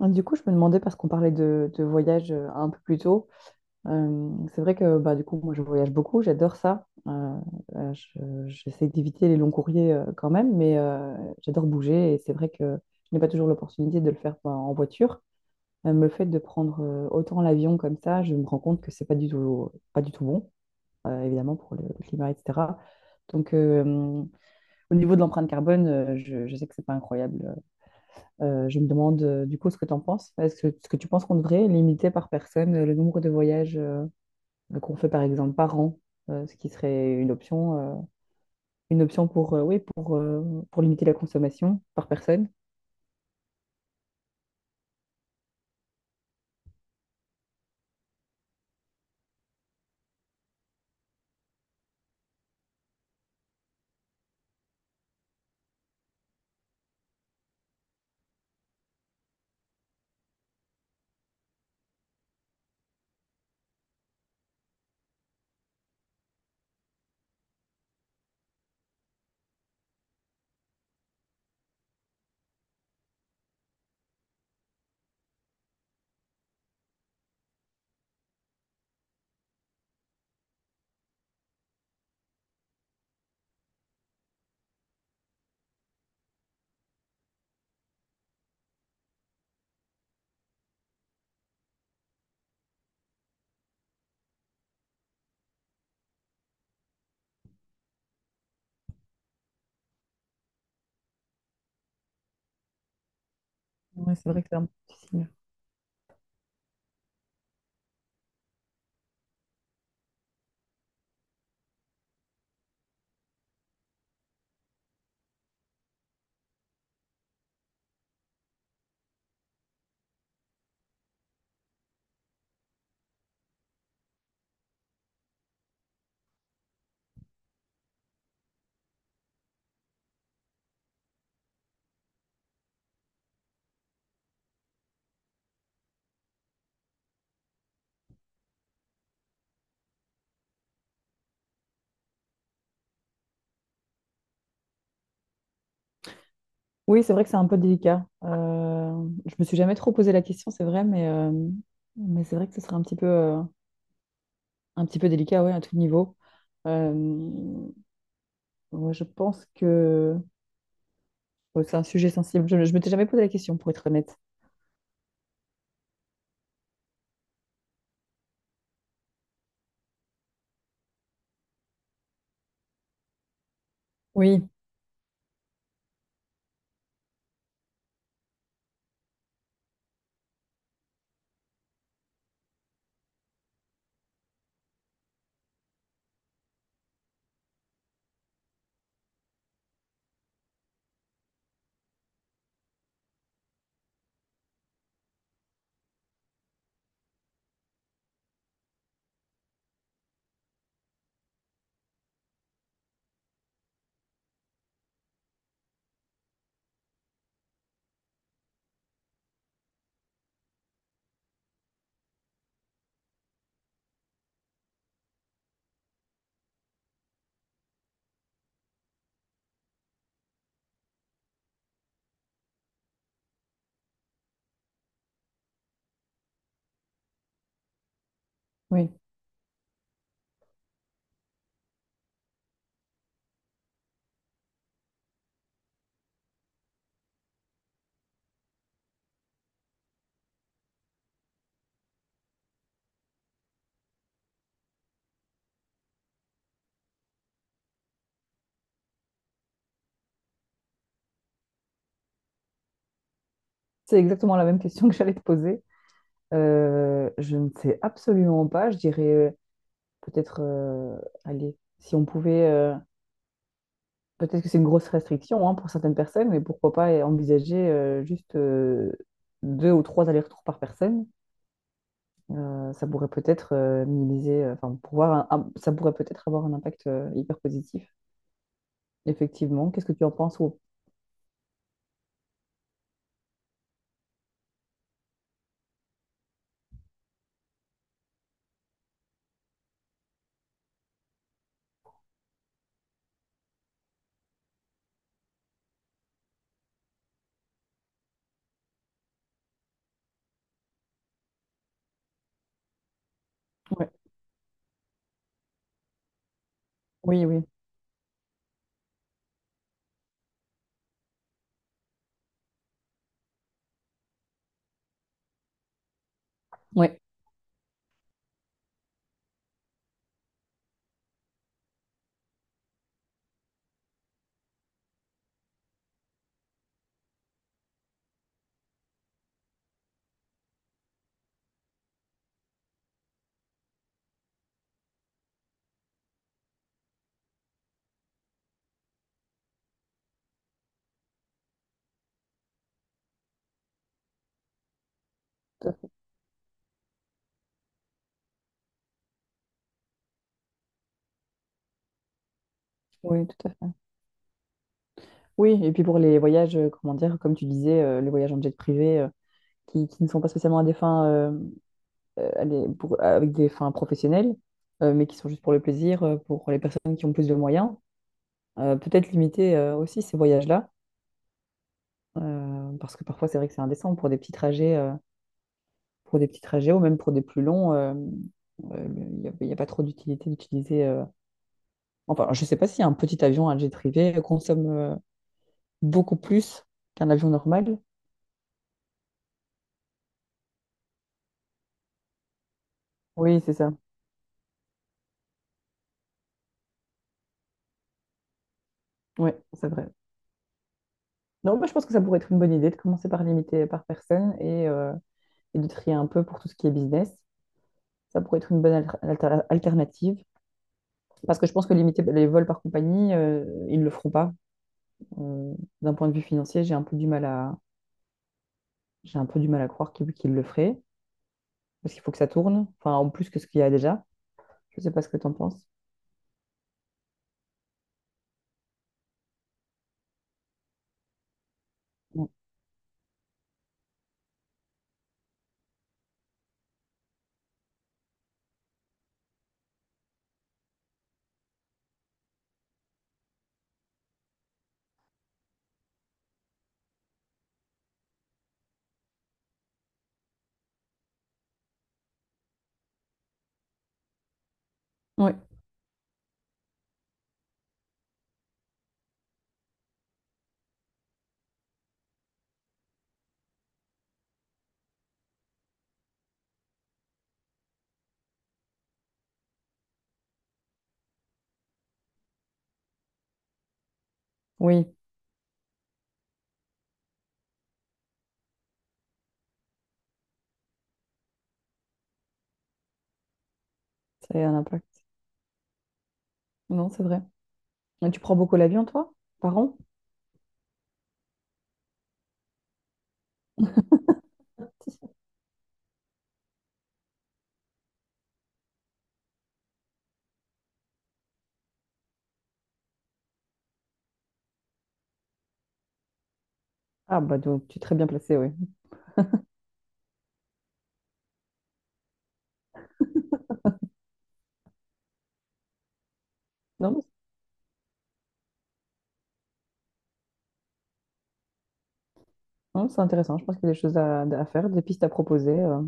Ah, du coup, je me demandais, parce qu'on parlait de voyage un peu plus tôt, c'est vrai que du coup, moi, je voyage beaucoup, j'adore ça. J'essaie d'éviter les longs courriers quand même, mais j'adore bouger, et c'est vrai que je n'ai pas toujours l'opportunité de le faire en voiture. Même le fait de prendre autant l'avion comme ça, je me rends compte que c'est pas du tout, pas du tout bon, évidemment, pour le climat, etc. Donc, au niveau de l'empreinte carbone, je sais que c'est pas incroyable. Je me demande du coup ce que tu en penses. Est-ce que tu penses qu'on devrait limiter par personne le nombre de voyages qu'on fait par exemple par an, ce qui serait une option pour, oui, pour limiter la consommation par personne? Ouais, c'est vrai que c'est un peu difficile. Oui, c'est vrai que c'est un peu délicat. Je me suis jamais trop posé la question, c'est vrai, mais mais c'est vrai que ce serait un petit peu délicat, ouais, à tout niveau. Euh, ouais, je pense que bon, c'est un sujet sensible. Je ne m'étais jamais posé la question, pour être honnête. Oui. Oui, c'est exactement la même question que j'allais te poser. Je ne sais absolument pas. Je dirais, peut-être, allez, si on pouvait, peut-être que c'est une grosse restriction, hein, pour certaines personnes, mais pourquoi pas envisager juste deux ou trois allers-retours par personne. Ça pourrait peut-être minimiser, enfin, pouvoir, ça pourrait peut-être avoir un impact hyper positif. Effectivement. Qu'est-ce que tu en penses? Ou- Ouais. Oui, oui. Ouais. Tout à fait. Oui, tout à fait. Oui, et puis pour les voyages, comment dire, comme tu disais, les voyages en jet privé, qui ne sont pas spécialement à des fins, à avec des fins professionnelles, mais qui sont juste pour le plaisir, pour les personnes qui ont plus de moyens, peut-être limiter aussi ces voyages-là, parce que parfois c'est vrai que c'est indécent pour des petits trajets, pour des petits trajets ou même pour des plus longs, il y a pas trop d'utilité d'utiliser. Enfin, je ne sais pas si un petit avion, un jet privé, consomme beaucoup plus qu'un avion normal. Oui, c'est ça. Oui, c'est vrai. Non, moi je pense que ça pourrait être une bonne idée de commencer par limiter par personne, et et de trier un peu pour tout ce qui est business. Ça pourrait être une bonne alternative. Parce que je pense que limiter les vols par compagnie, ils ne le feront pas. Euh, D'un point de vue financier, j'ai un peu du mal à croire qu'ils le feraient. Parce qu'il faut que ça tourne, enfin en plus que ce qu'il y a déjà. Je ne sais pas ce que tu en penses. Non. Oui, oui, ça a un impact. Non, c'est vrai. Et tu prends beaucoup l'avion, toi, par an? Si. Ah bah donc tu es très bien placé, oui. Non, non, c'est intéressant, je pense qu'il y a des choses à faire, des pistes à proposer,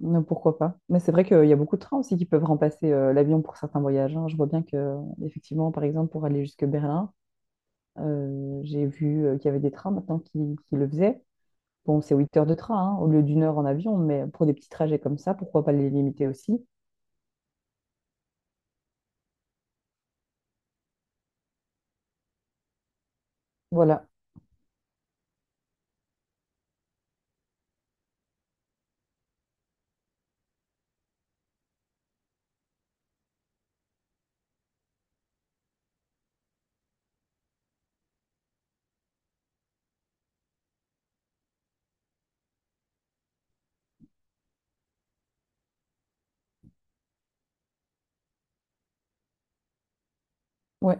mais pourquoi pas. Mais c'est vrai qu'il y a beaucoup de trains aussi qui peuvent remplacer l'avion pour certains voyages, hein. Je vois bien que, effectivement, par exemple, pour aller jusque Berlin, j'ai vu qu'il y avait des trains maintenant qui le faisaient. Bon, c'est 8 heures de train, hein, au lieu d'une heure en avion, mais pour des petits trajets comme ça, pourquoi pas les limiter aussi? Voilà, ouais,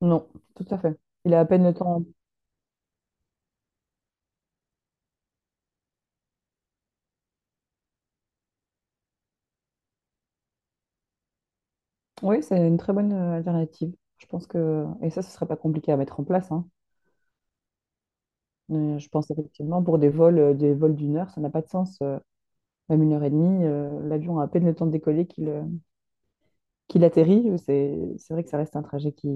non, tout à fait. Il a à peine le temps. Oui, c'est une très bonne alternative. Je pense que, et ça, ce serait pas compliqué à mettre en place, hein. Je pense effectivement pour des vols d'une heure, ça n'a pas de sens. Même une heure et demie, l'avion a à peine le temps de décoller qu'il qu'il atterrit. C'est vrai que ça reste un trajet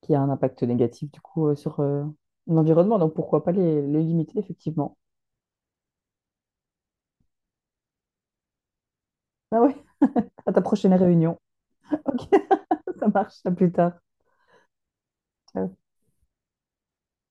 qui a un impact négatif du coup sur l'environnement. Donc pourquoi pas les limiter effectivement. Ah ouais, à ta prochaine réunion. Ok, ça marche. À plus tard. Ciao.